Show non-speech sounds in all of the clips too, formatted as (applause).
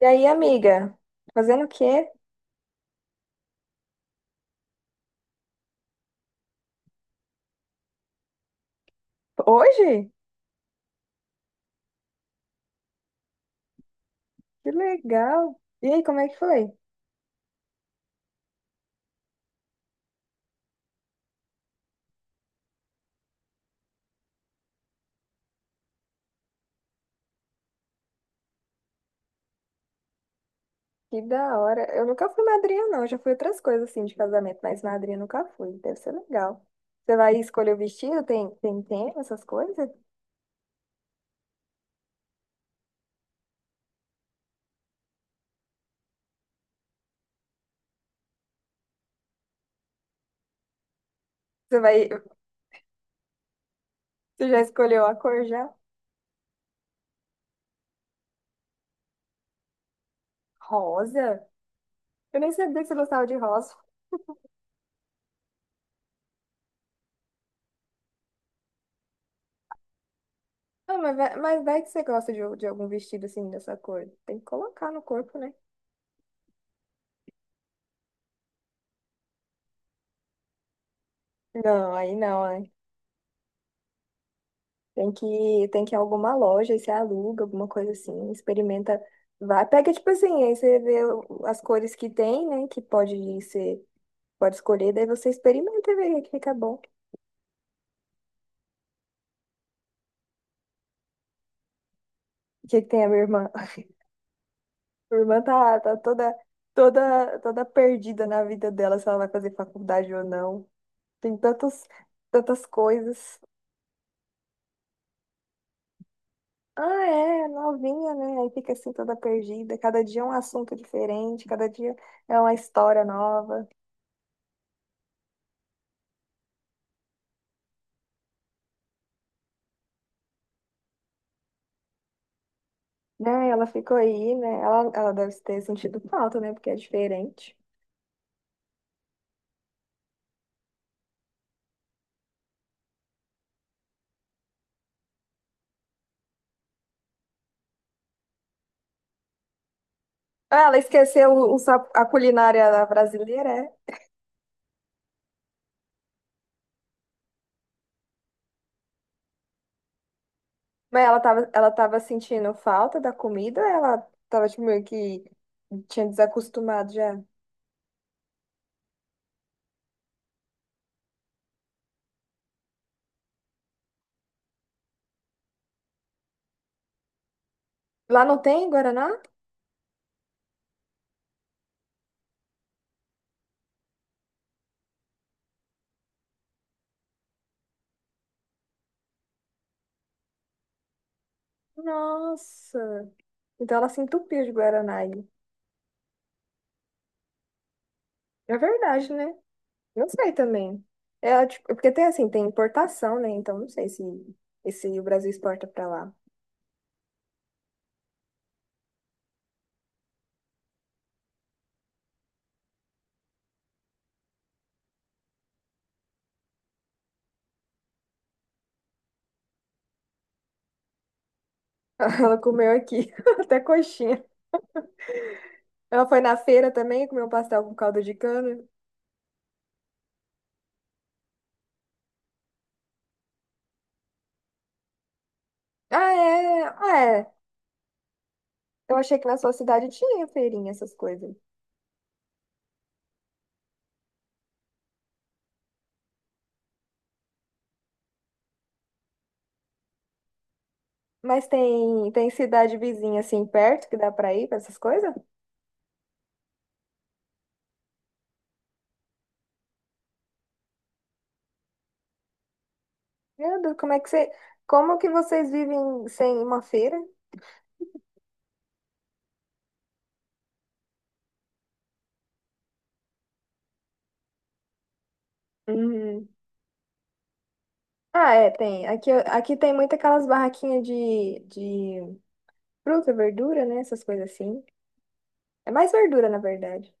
E aí, amiga? Fazendo o quê? Hoje? Que legal! E aí, como é que foi? Que da hora. Eu nunca fui madrinha, não. Eu já fui outras coisas assim de casamento, mas madrinha eu nunca fui. Deve ser legal. Você vai escolher o vestido? Tem tema, essas coisas? Você vai, você já escolheu a cor já? Rosa? Eu nem sabia que você gostava de rosa. Ah, mas vai que você gosta de algum vestido assim dessa cor. Tem que colocar no corpo, né? Não, aí não, né? Tem que ir a alguma loja e você aluga, alguma coisa assim, experimenta. Vai, pega tipo assim, aí você vê o- as cores que tem, né? Que pode ser, pode escolher, daí você experimenta e vê o que fica bom. O que que tem a minha irmã? (laughs) Minha irmã tá, tá toda, toda, toda perdida na vida dela, se ela vai fazer faculdade ou não. Tem tantos, tantas coisas. Ah, é, novinha, né? Aí fica assim toda perdida. Cada dia é um assunto diferente, cada dia é uma história nova. Né? Ela ficou aí, né? Ela deve ter sentido falta, né? Porque é diferente. Ah, ela esqueceu o sa- a culinária brasileira, é? Mas ela tava sentindo falta da comida, ou ela tava tipo, meio que tinha desacostumado já. Lá não tem Guaraná? Nossa! Então ela se entupiu de Guaraná aí. É verdade, né? Não sei também. É tipo, porque tem assim, tem importação, né? Então não sei se, se o Brasil exporta pra lá. (laughs) Ela comeu aqui, (laughs) até coxinha. Ela foi na feira também, comeu um pastel com caldo de cana. Ah, é? Ah, é. Eu achei que na sua cidade tinha feirinha, essas coisas. Mas tem, tem cidade vizinha assim perto que dá pra ir pra essas coisas? Meu Deus, como é que você. Como que vocês vivem sem uma feira? Uhum. Ah, é, tem. Aqui, aqui tem muito aquelas barraquinhas de fruta, verdura, né? Essas coisas assim. É mais verdura, na verdade.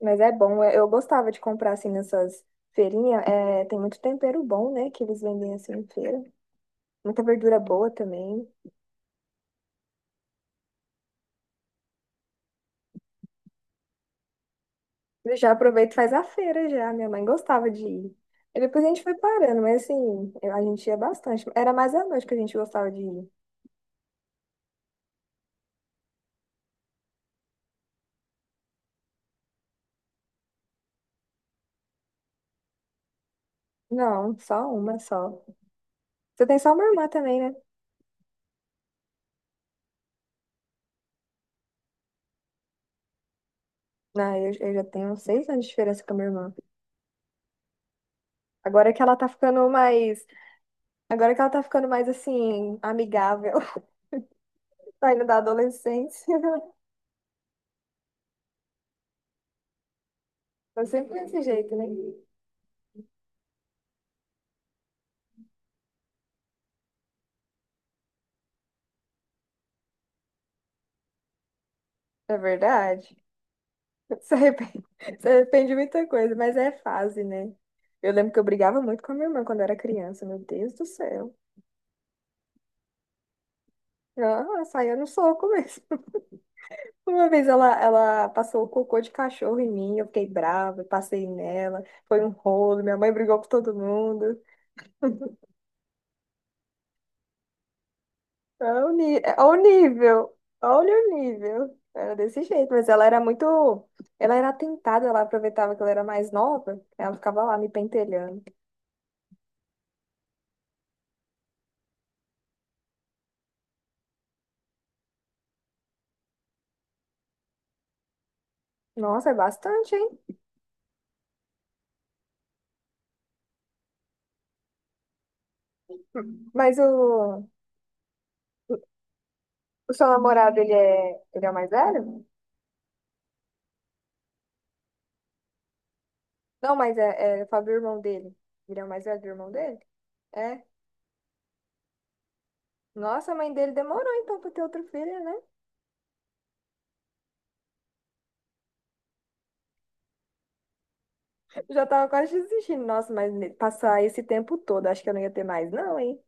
Mas é bom, eu gostava de comprar assim nessas feirinhas. É, tem muito tempero bom, né? Que eles vendem assim em feira. Muita verdura boa também. Eu já aproveito e faz a feira já. Minha mãe gostava de ir. E depois a gente foi parando, mas assim, eu- a gente ia bastante. Era mais à noite que a gente gostava de ir. Não, só uma só. Você tem só uma irmã também, né? Não, eu já tenho seis anos de diferença com a minha irmã. Agora que ela tá ficando mais. Agora que ela tá ficando mais assim, amigável, (laughs) saindo da adolescência. Tô sempre desse jeito, né? É verdade. Se arrepende, (laughs) se arrepende de muita coisa, mas é fase, né? Eu lembro que eu brigava muito com a minha irmã quando eu era criança, meu Deus do céu. Ela saía no soco mesmo. (laughs) Uma vez ela, ela passou o cocô de cachorro em mim, eu fiquei brava, passei nela, foi um rolo, minha mãe brigou com todo mundo. Olha o, ni- é, olha o nível, olha o nível. Era desse jeito, mas ela era muito. Ela era atentada, ela aproveitava que ela era mais nova, ela ficava lá me pentelhando. Nossa, é bastante, hein? Mas o seu namorado, ele é o mais velho? Não, mas é, é, eu falo do irmão dele. Ele é o mais velho do irmão dele? É. Nossa, a mãe dele demorou então pra ter outro filho, né? Já tava quase desistindo. Nossa, mas ne- passar esse tempo todo, acho que eu não ia ter mais, não, hein?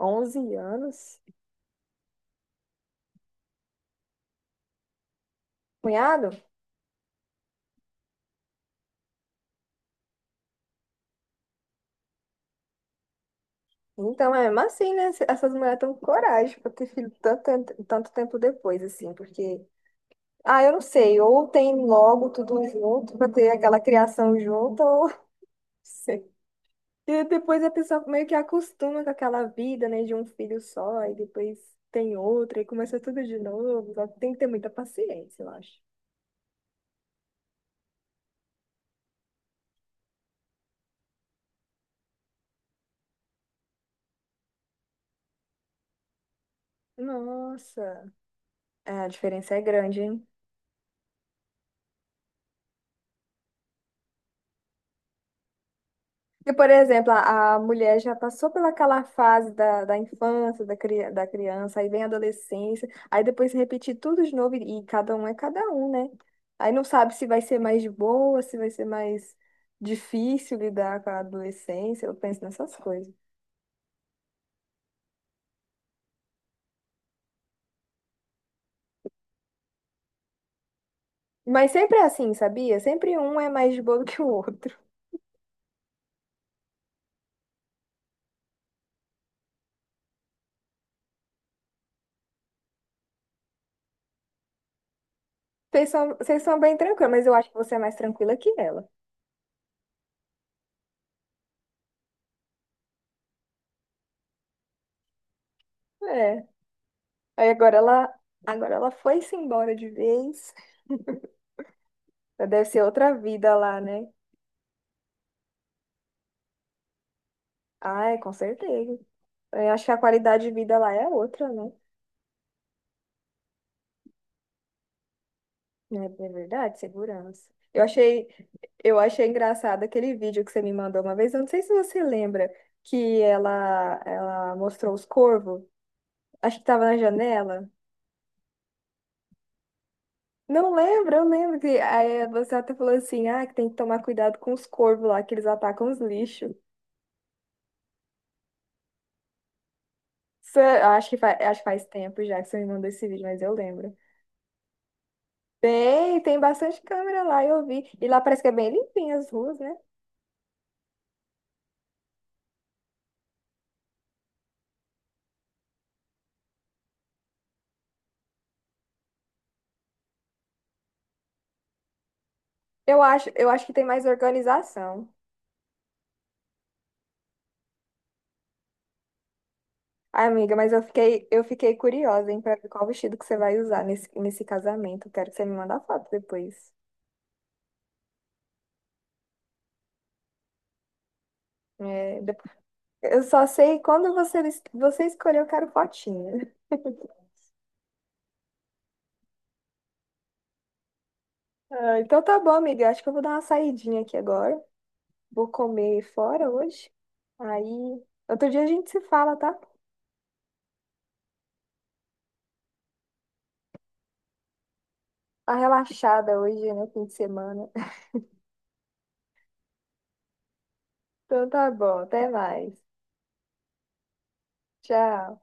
Onze anos. Cunhado? Então, é mesmo assim, né? Essas mulheres estão com coragem pra ter filho tanto, tanto tempo depois, assim, porque ah, eu não sei. Ou tem logo tudo junto para ter aquela criação junto, ou (laughs) não sei. E depois a pessoa meio que acostuma com aquela vida, né, de um filho só, e depois tem outro, e começa tudo de novo. Só que tem que ter muita paciência, eu acho. Nossa, é, a diferença é grande, hein? Porque, por exemplo, a mulher já passou pelaquela fase da, da infância, da, cri, da criança, aí vem a adolescência, aí depois repetir tudo de novo, e cada um é cada um, né? Aí não sabe se vai ser mais de boa, se vai ser mais difícil lidar com a adolescência, eu penso nessas coisas. Mas sempre é assim, sabia? Sempre um é mais de boa do que o outro. Vocês são bem tranquilos, mas eu acho que você é mais tranquila que ela. É. Aí agora ela foi-se embora de vez. Deve ser outra vida lá, né? Ah, é, com certeza. Eu acho que a qualidade de vida lá é outra, né? É é, verdade, segurança. Eu achei engraçado aquele vídeo que você me mandou uma vez. Eu não sei se você lembra que ela mostrou os corvos. Acho que estava na janela. Não lembro, eu lembro que aí você até falou assim, ah, que tem que tomar cuidado com os corvos lá, que eles atacam os lixos. Isso é- acho que faz tempo já que você me mandou esse vídeo, mas eu lembro. Tem, tem bastante câmera lá, eu vi. E lá parece que é bem limpinho as ruas, né? Eu acho que tem mais organização. Ai, amiga, mas eu fiquei curiosa, hein, pra ver qual vestido que você vai usar nesse, nesse casamento. Quero que você me mande a foto depois. É, depois. Eu só sei quando você, es- você escolher, eu quero fotinho. Ah, (laughs) então tá bom, amiga. Eu acho que eu vou dar uma saidinha aqui agora. Vou comer fora hoje. Aí, outro dia a gente se fala, tá? Tá relaxada hoje, né? Fim de semana. (laughs) Então tá bom, até mais. Tchau.